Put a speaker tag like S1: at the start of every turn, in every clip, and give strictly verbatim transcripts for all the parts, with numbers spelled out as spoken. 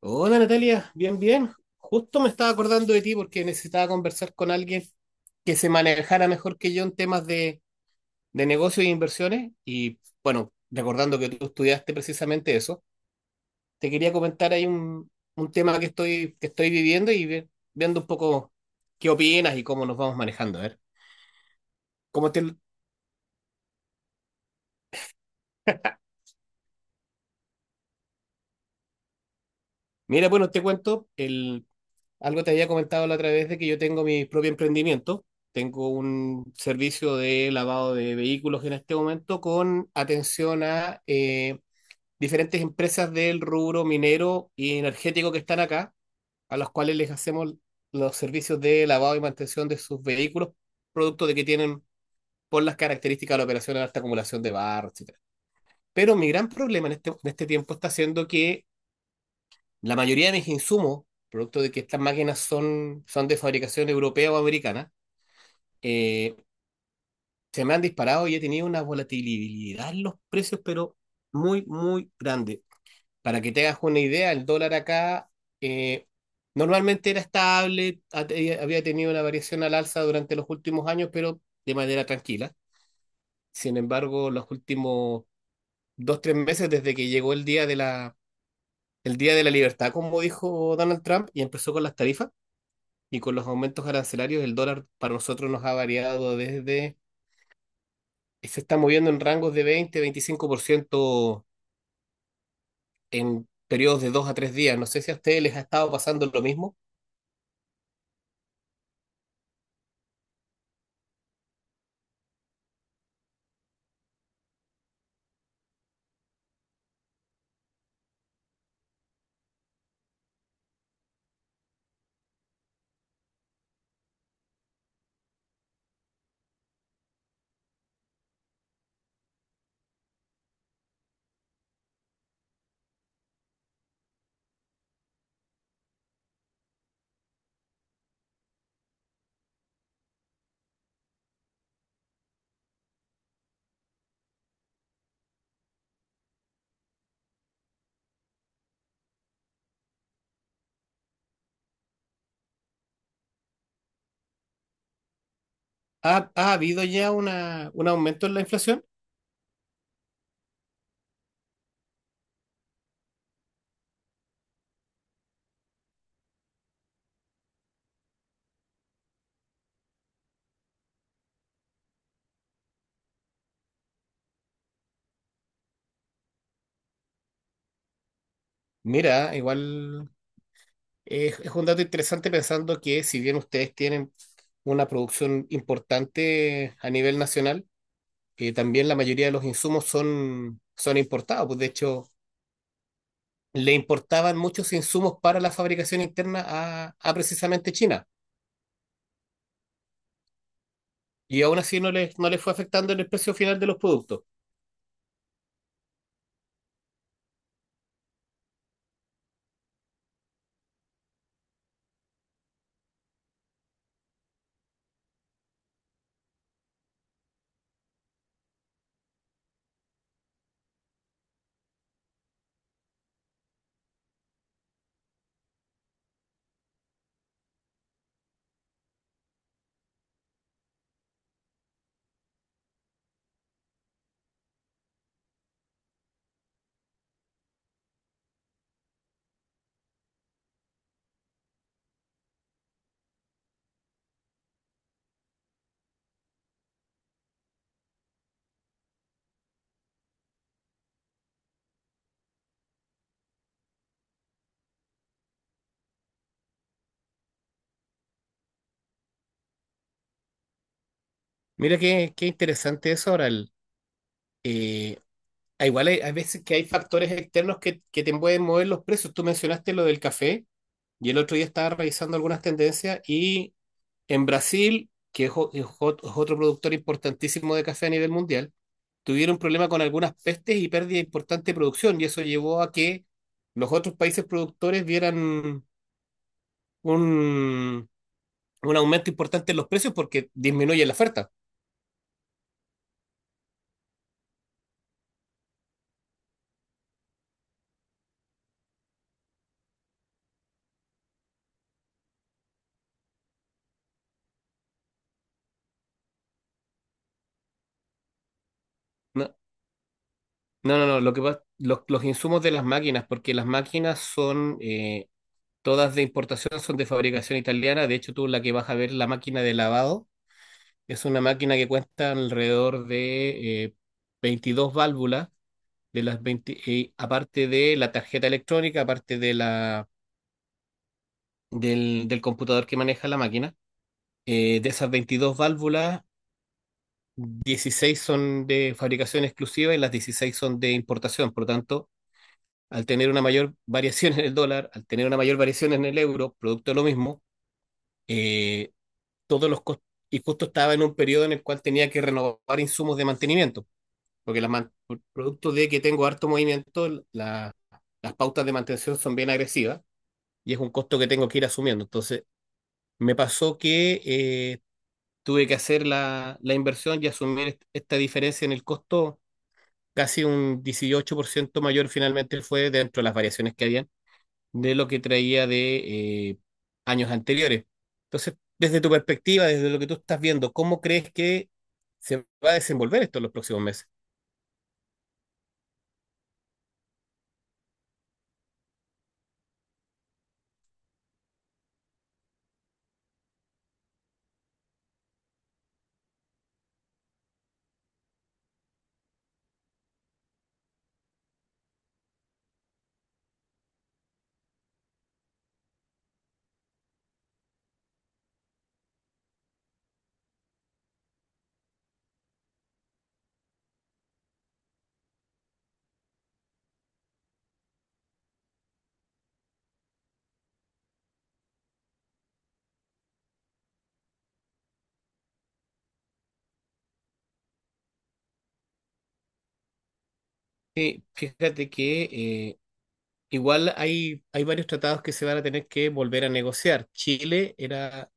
S1: Hola Natalia, bien, bien. Justo me estaba acordando de ti porque necesitaba conversar con alguien que se manejara mejor que yo en temas de, de negocios e inversiones. Y bueno, recordando que tú estudiaste precisamente eso, te quería comentar ahí un, un tema que estoy, que estoy viviendo y ve- viendo un poco qué opinas y cómo nos vamos manejando. A ver, ¿cómo te... Mira, bueno, te cuento, el, algo te había comentado la otra vez de que yo tengo mi propio emprendimiento. Tengo un servicio de lavado de vehículos en este momento con atención a eh, diferentes empresas del rubro minero y energético que están acá, a las cuales les hacemos los servicios de lavado y mantención de sus vehículos, producto de que tienen por las características de la operación de alta acumulación de barro, etcétera. Pero mi gran problema en este, en este tiempo está siendo que la mayoría de mis insumos, producto de que estas máquinas son, son de fabricación europea o americana, eh, se me han disparado y he tenido una volatilidad en los precios, pero muy, muy grande. Para que te hagas una idea, el dólar acá eh, normalmente era estable, ha- eh, había tenido una variación al alza durante los últimos años, pero de manera tranquila. Sin embargo, los últimos dos, tres meses desde que llegó el día de la, el día de la libertad, como dijo Donald Trump, y empezó con las tarifas y con los aumentos arancelarios el dólar para nosotros nos ha variado desde, se está moviendo en rangos de veinte, veinticinco por ciento en periodos de dos a tres días. No sé si a ustedes les ha estado pasando lo mismo. ¿Ha, ha habido ya una, un aumento en la inflación? Mira, igual es, es un dato interesante pensando que si bien ustedes tienen una producción importante a nivel nacional, eh, también la mayoría de los insumos son, son importados. Pues de hecho, le importaban muchos insumos para la fabricación interna a, a precisamente China. Y aún así no les, no les fue afectando en el precio final de los productos. Mira qué, qué interesante eso ahora. el- eh, ah, Igual hay, hay veces que hay factores externos que, que te pueden mover los precios. Tú mencionaste lo del café y el otro día estaba revisando algunas tendencias y en Brasil, que es o- es o- es otro productor importantísimo de café a nivel mundial, tuvieron problema con algunas pestes y pérdida de importante producción, y eso llevó a que los otros países productores vieran un, un aumento importante en los precios porque disminuye la oferta. No, no, no, no, lo que pasa- los, los insumos de las máquinas, porque las máquinas son eh, todas de importación, son de fabricación italiana. De hecho, tú la que vas a ver, la máquina de lavado, es una máquina que cuesta alrededor de eh, veintidós válvulas, de las veinte eh, aparte de la tarjeta electrónica, aparte de la del, del computador que maneja la máquina. Eh, de esas veintidós válvulas, dieciséis son de fabricación exclusiva y las dieciséis son de importación. Por lo tanto, al tener una mayor variación en el dólar, al tener una mayor variación en el euro, producto de lo mismo, eh, todos los costos, y justo estaba en un periodo en el cual tenía que renovar insumos de mantenimiento, porque las man- por producto de que tengo harto movimiento, la- las pautas de mantención son bien agresivas y es un costo que tengo que ir asumiendo. Entonces, me pasó que eh, tuve que hacer la, la inversión y asumir est- esta diferencia en el costo, casi un dieciocho por ciento mayor finalmente fue dentro de las variaciones que habían de lo que traía de eh, años anteriores. Entonces, desde tu perspectiva, desde lo que tú estás viendo, ¿cómo crees que se va a desenvolver esto en los próximos meses? Sí, fíjate que eh, igual hay, hay varios tratados que se van a tener que volver a negociar. Chile era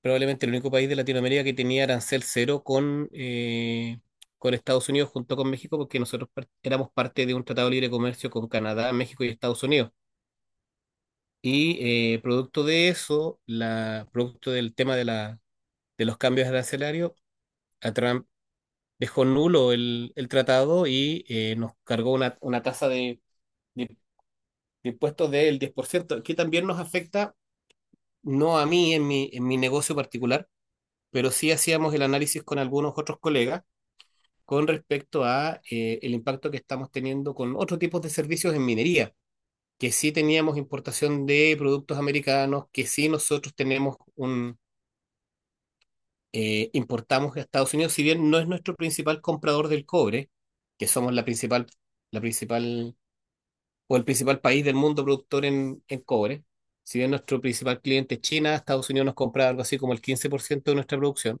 S1: probablemente el único país de Latinoamérica que tenía arancel cero con, eh, con Estados Unidos junto con México, porque nosotros par- éramos parte de un tratado de libre comercio con Canadá, México y Estados Unidos. Y eh, producto de eso, la, producto del tema de, la, de los cambios arancelarios, a Trump dejó nulo el, el tratado y eh, nos cargó una, una tasa de, de- de impuestos del diez por ciento que también nos afecta, no a mí en mi, en mi negocio particular, pero sí hacíamos el análisis con algunos otros colegas con respecto a eh, el impacto que estamos teniendo con otros tipos de servicios en minería, que sí teníamos importación de productos americanos, que sí nosotros tenemos un, eh, importamos a Estados Unidos, si bien no es nuestro principal comprador del cobre, que somos la principal, la principal o el principal país del mundo productor en, en cobre, si bien nuestro principal cliente es China, Estados Unidos nos compra algo así como el quince por ciento de nuestra producción.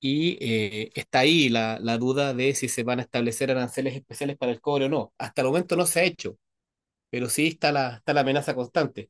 S1: Y eh, está ahí la, la duda de si se van a establecer aranceles especiales para el cobre o no. Hasta el momento no se ha hecho, pero sí está la, está la amenaza constante.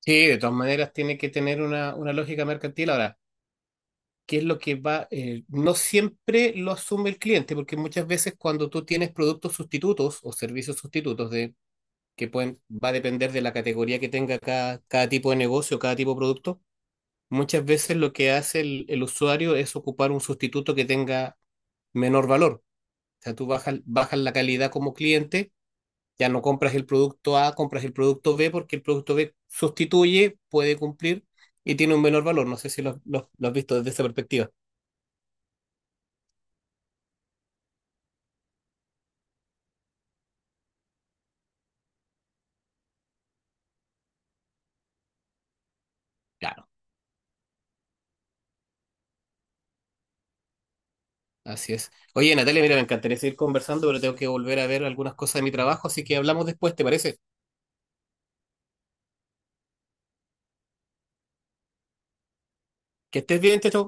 S1: Sí, de todas maneras tiene que tener una, una lógica mercantil. Ahora, ¿qué es lo que va? Eh, no siempre lo asume el cliente, porque muchas veces cuando tú tienes productos sustitutos o servicios sustitutos de, que pueden, va a depender de la categoría que tenga cada, cada tipo de negocio, cada tipo de producto, muchas veces lo que hace el el usuario es ocupar un sustituto que tenga menor valor. O sea, tú bajas, bajas la calidad como cliente, ya no compras el producto A, compras el producto B porque el producto B sustituye, puede cumplir y tiene un menor valor. No sé si lo, lo- lo has visto desde esa perspectiva. Claro, así es. Oye, Natalia, mira, me encantaría seguir conversando, pero tengo que volver a ver algunas cosas de mi trabajo, así que hablamos después, ¿te parece? Que estés bien, Teto.